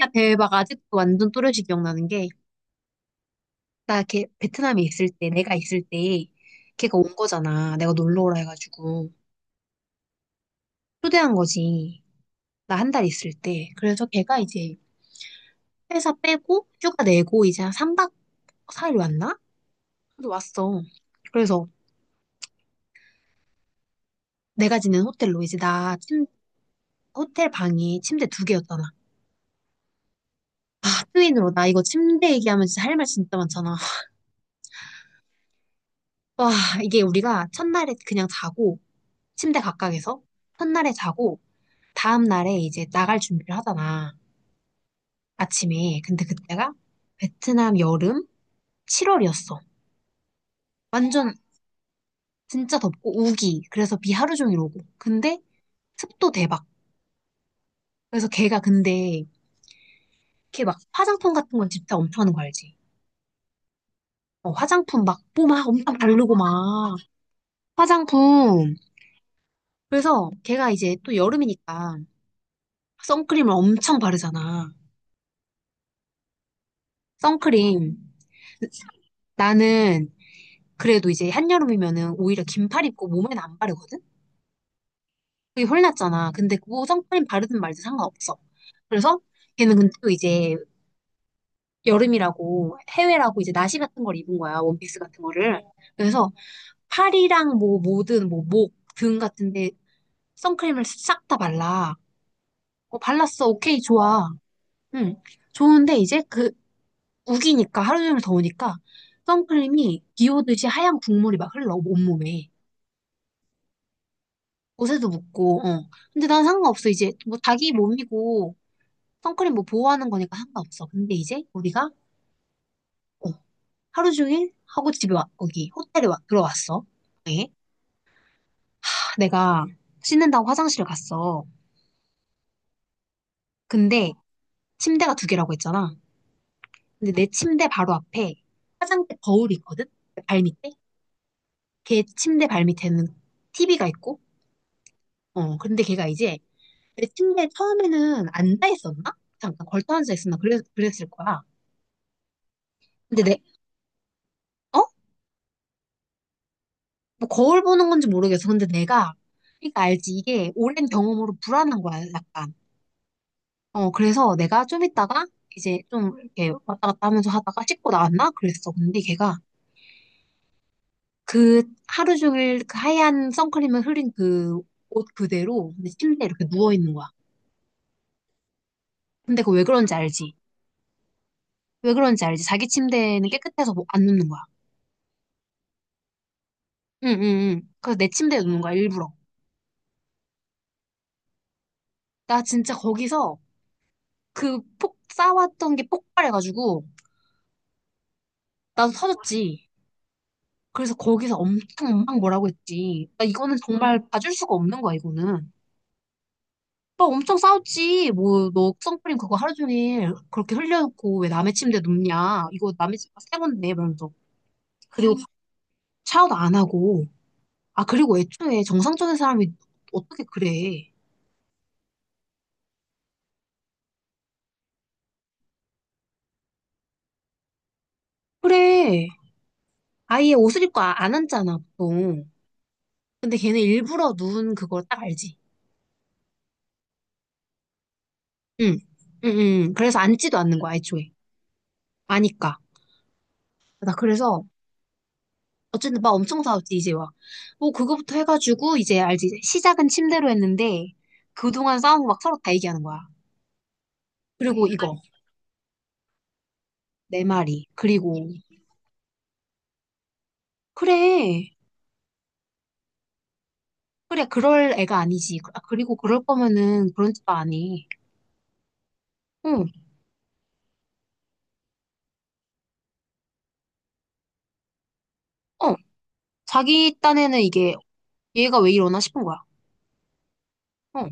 야, 대박. 아직도 완전 또렷이 기억나는 게, 나 걔, 베트남에 있을 때, 내가 있을 때, 걔가 온 거잖아. 내가 놀러 오라 해가지고. 초대한 거지. 나 한 달 있을 때. 그래서 걔가 이제 회사 빼고, 휴가 내고, 이제 한 3박 4일 왔나? 그래서 왔어. 그래서 내가 지낸 호텔로 이제 호텔 방이 침대 두 개였잖아. 아, 트윈으로. 나 이거 침대 얘기하면 진짜 할 말 진짜 많잖아. 와, 이게 우리가 첫날에 그냥 자고, 침대 각각에서. 첫날에 자고, 다음 날에 이제 나갈 준비를 하잖아. 아침에. 근데 그때가 베트남 여름 7월이었어. 완전 진짜 덥고 우기. 그래서 비 하루 종일 오고. 근데 습도 대박. 그래서 걔가 근데 걔 막 화장품 같은 건 집착 엄청 하는 거 알지? 어, 화장품 막 뽀막 엄청 바르고 막 화장품. 그래서 걔가 이제 또 여름이니까 선크림을 엄청 바르잖아. 선크림. 나는 그래도 이제 한여름이면은 오히려 긴팔 입고 몸에는 안 바르거든? 그게 헐났잖아. 근데 그거 선크림 바르든 말든 상관없어. 그래서 걔는 근데 또 이제 여름이라고 해외라고 이제 나시 같은 걸 입은 거야. 원피스 같은 거를. 그래서 팔이랑 뭐 모든 뭐 목, 등 같은데 선크림을 싹 다 발라. 어, 발랐어. 오케이, 좋아. 응. 좋은데 이제 그 우기니까 하루 종일 더우니까 선크림이 비 오듯이 하얀 국물이 막 흘러 온몸에. 옷에도 묻고, 어. 근데 난 상관없어. 이제 뭐 자기 몸이고 선크림 뭐 보호하는 거니까 상관없어. 근데 이제 우리가 어, 하루 종일 하고 집에 와, 거기 호텔에 와, 들어왔어. 네. 아, 내가 씻는다고 화장실을 갔어. 근데 침대가 두 개라고 했잖아. 근데 내 침대 바로 앞에 화장대 거울이 있거든? 그 발 밑에? 걔 침대 발 밑에는 TV가 있고, 어, 근데 걔가 이제 내 침대에 처음에는 앉아 있었나? 잠깐 걸터 앉아 있었나? 그랬을 거야. 근데 내, 어? 뭐 거울 보는 건지 모르겠어. 근데 내가, 그러니까 알지. 이게 오랜 경험으로 불안한 거야, 약간. 어, 그래서 내가 좀 있다가 이제 좀 이렇게 왔다 갔다 하면서 하다가 씻고 나왔나? 그랬어. 근데 걔가 그 하루 종일 그 하얀 선크림에 흐린 그 옷 그대로 내 침대에 이렇게 누워 있는 거야. 근데 그 왜 그런지 알지? 왜 그런지 알지? 자기 침대는 깨끗해서 뭐안 눕는 거야. 응, 응, 응. 그래서 내 침대에 누는 거야, 일부러. 나 진짜 거기서 쌓아왔던 게 폭발해가지고 나도 터졌지. 그래서 거기서 엄청 엄청 뭐라고 했지. 나 이거는 정말 봐줄 수가 없는 거야, 이거는. 막 엄청 싸웠지. 뭐, 너 선크림 그거 하루 종일 그렇게 흘려놓고 왜 남의 침대 눕냐. 이거 남의 집 새 건데, 이러면서. 그리고 샤워도 안 하고. 아, 그리고 애초에 정상적인 사람이 어떻게 그래. 그래. 아예 옷을 입고 안 앉잖아, 보통. 근데 걔는 일부러 누운 그걸 딱 알지. 응. 응, 응. 그래서 앉지도 않는 거야, 애초에. 아니까. 나 그래서 어쨌든 막 엄청 싸웠지, 이제 와. 뭐, 그거부터 해가지고, 이제 알지, 이제 시작은 침대로 했는데, 그동안 싸운 거 막 서로 다 얘기하는 거야. 그리고 이거, 내 말이. 그리고, 그래, 그래, 그럴 애가 아니지. 아, 그리고 그럴 거면은 그런 짓도 안 해. 응, 어, 자기 딴에는 이게, 얘가 왜 이러나 싶은 거야. 어,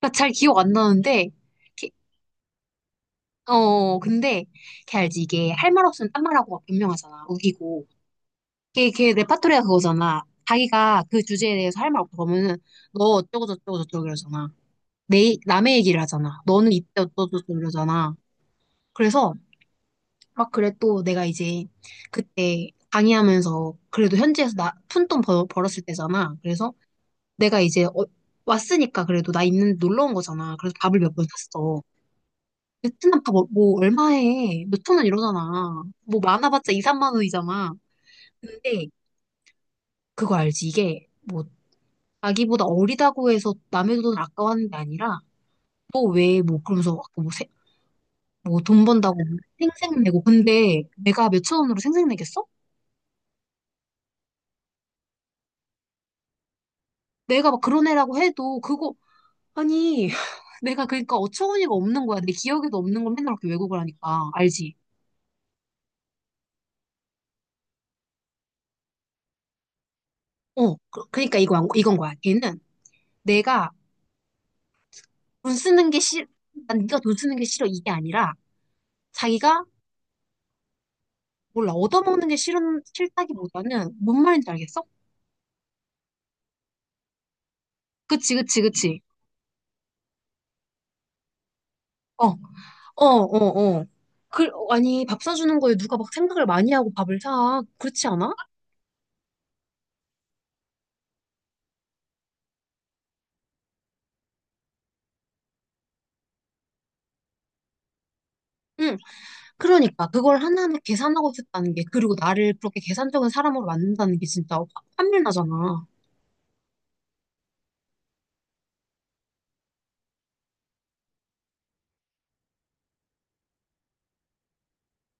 그러니까 잘 기억 안 나는데, 걔- 어, 근데, 걔 알지, 이게 할 말 없으면 딴 말하고 막 변명하잖아, 우기고. 걔 레파토리가 그거잖아. 자기가 그 주제에 대해서 할 말 없다 그면은 너 어쩌고 저쩌고 저쩌고 이러잖아. 내 남의 얘기를 하잖아. 너는 이때 어쩌고 저쩌고 이러잖아. 그래서 막 그래 또 내가 이제 그때 강의하면서 그래도 현지에서 나 푼 돈 었을 때잖아. 그래서 내가 이제 왔으니까 그래도 나 있는 놀러 온 거잖아. 그래서 밥을 몇 번 샀어. 베트남 밥뭐 얼마 해? 몇천 원 이러잖아. 뭐 많아봤자 2, 3만 원이잖아. 근데 그거 알지? 이게 뭐 자기보다 어리다고 해서 남의 돈 아까워하는 게 아니라 또 왜 뭐 그러면서 막 뭐 돈 번다고 뭐 생색 내고 근데 내가 몇천 원으로 생색 내겠어? 내가 막 그런 애라고 해도 그거 아니 내가 그러니까 어처구니가 없는 거야 내 기억에도 없는 걸 맨날 그렇게 왜곡을 하니까 알지? 그러니까 이거 이건 거야 걔는 내가 돈 쓰는 게 싫, 난 네가 돈 쓰는 게 싫어 이게 아니라 자기가 몰라 얻어먹는 게 싫은 싫다기보다는 뭔 말인지 알겠어? 그치 그치 그치 어. 어, 어, 어. 그, 아니, 밥 사주는 거에 누가 막 생각을 많이 하고 밥을 사. 그렇지 않아? 응. 그러니까, 그걸 하나하나 계산하고 있었다는 게, 그리고 나를 그렇게 계산적인 사람으로 만든다는 게 진짜 환멸 나잖아.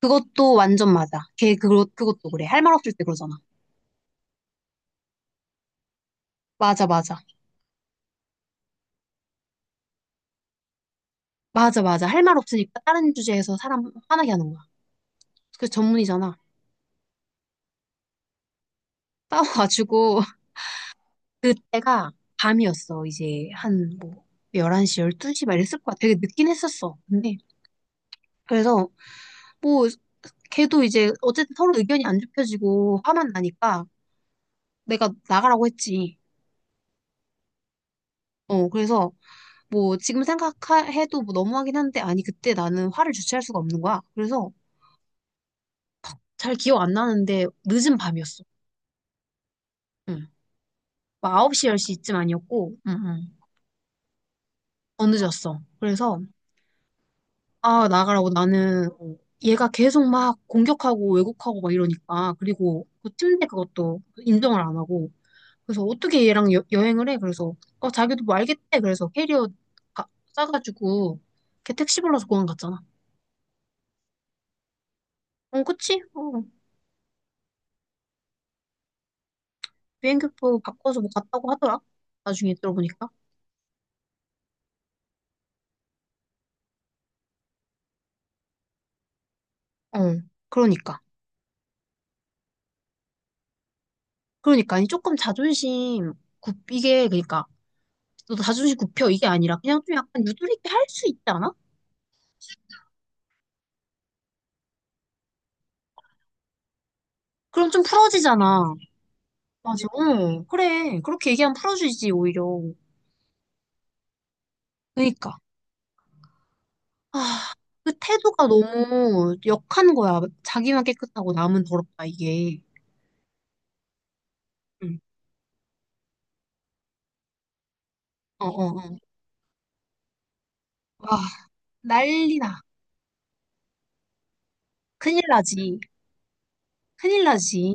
그것도 완전 맞아. 그것도 그래. 할 말 없을 때 그러잖아. 맞아, 맞아. 맞아, 맞아. 할 말 없으니까 다른 주제에서 사람 화나게 하는 거야. 그 전문이잖아. 싸워가지고, 그때가 밤이었어. 이제 한, 뭐, 11시, 12시 막 이랬을 거야. 되게 늦긴 했었어. 근데, 그래서, 뭐, 걔도 이제 어쨌든 서로 의견이 안 좁혀지고 화만 나니까 내가 나가라고 했지. 어, 그래서 뭐 지금 생각해도 뭐 너무하긴 한데 아니 그때 나는 화를 주체할 수가 없는 거야. 그래서 잘 기억 안 나는데 늦은 밤이었어. 응. 막 9시, 10시쯤 아니었고 응, 응. 더 늦었어. 그래서 아, 나가라고 나는 어, 얘가 계속 막 공격하고 왜곡하고 막 이러니까 그리고 그 침대 그것도 인정을 안 하고 그래서 어떻게 얘랑 행을 해? 그래서 어 자기도 뭐 알겠대. 그래서 캐리어 가- 싸가지고 걔 택시 불러서 공항 갔잖아. 어 그치? 어 비행기표 바꿔서 뭐 갔다고 하더라. 나중에 들어보니까. 어 그러니까 그러니까 아니 조금 자존심 굽 이게 그러니까 너 자존심 굽혀 이게 아니라 그냥 좀 약간 유도리 있게 할 수 있지 않아? 그럼 좀 풀어지잖아. 맞아. 응 그래 그렇게 얘기하면 풀어지지 오히려. 그러니까. 아, 그 태도가 너무 역한 거야. 자기만 깨끗하고 남은 더럽다, 이게. 응. 어, 어, 어. 아, 난리 나. 큰일 나지. 큰일 나지.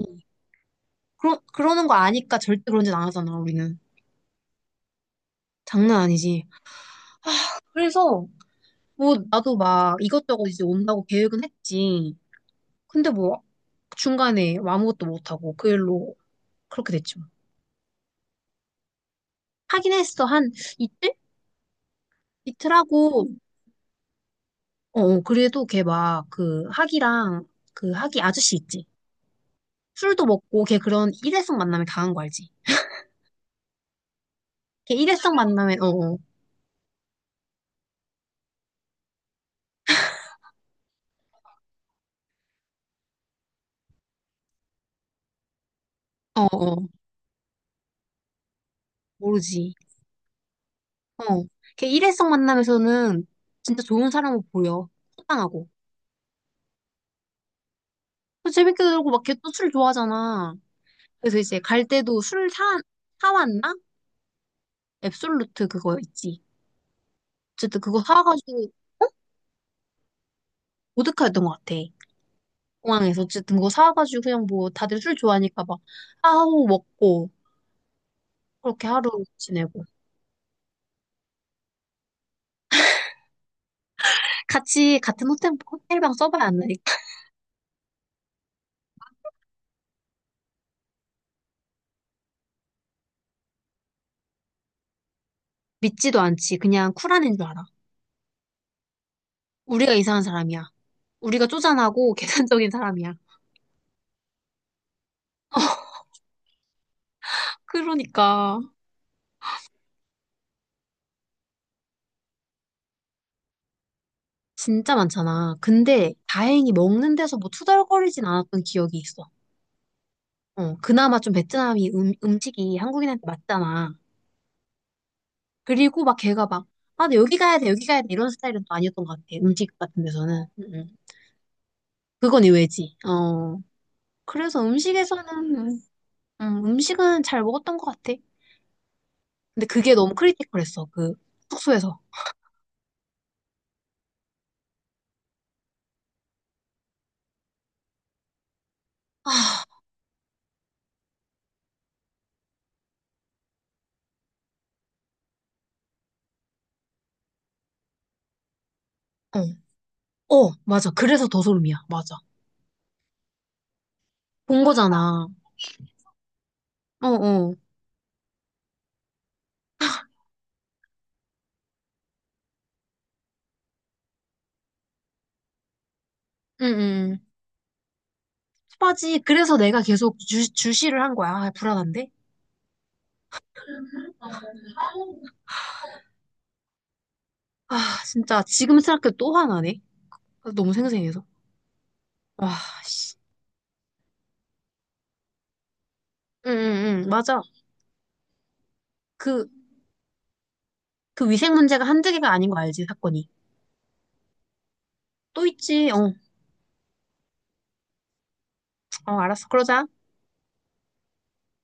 그러는 거 아니까 절대 그런 짓 안 하잖아, 우리는. 장난 아니지. 그래서, 뭐, 나도 막 이것저것 이제 온다고 계획은 했지. 근데 뭐, 중간에 뭐 아무것도 못하고 그 일로 그렇게 됐죠. 하긴 했어. 한 이틀? 이틀 하고, 어, 어, 그래도 걔 막 그 학이랑 그 학이 아저씨 있지. 술도 먹고 걔 그런 일회성 만남에 강한 거 알지? 걔 일회성 만남에 어어 어어 모르지. 어. 걔 일회성 만남에서는 진짜 좋은 사람으로 보여. 호탕하고. 또 재밌게 놀고 막 걔 또 술 좋아하잖아. 그래서 이제 갈 때도 사왔나? 앱솔루트 그거 있지. 어쨌든 그거 사와가지고 보드카였던 것 같아. 공항에서 어쨌든 그거 사와가지고 그냥 뭐 다들 술 좋아하니까 막 하고 먹고 그렇게 하루 지내고 같이 같은 호텔 호텔방 써봐야 안 나? 믿지도 않지. 그냥 쿨한 애인 줄 알아. 우리가 이상한 사람이야. 우리가 쪼잔하고 계산적인 사람이야. 그러니까 진짜 많잖아. 근데 다행히 먹는 데서 뭐 투덜거리진 않았던 기억이 있어. 어, 그나마 좀 베트남이 음식이 한국인한테 맞잖아. 그리고 막 걔가 막, 아, 나 여기 가야 돼, 여기 가야 돼 이런 스타일은 또 아니었던 것 같아. 음식 같은 데서는. 그건 의외지. 어, 그래서 음식에서는 음식은 잘 먹었던 것 같아. 근데 그게 너무 크리티컬했어. 그 숙소에서. 어. 어, 맞아. 그래서 더 소름이야. 맞아. 본 거잖아. 어, 어. 응, 응. 빠지 그래서 내가 계속 주시를 한 거야. 아, 불안한데? 아, 진짜. 지금 생각해도 또 화나네. 아, 너무 생생해서. 와, 씨. 응, 응, 응. 맞아. 그, 그 위생 문제가 한두 개가 아닌 거 알지, 사건이. 또 있지. 어, 어, 알았어. 그러자.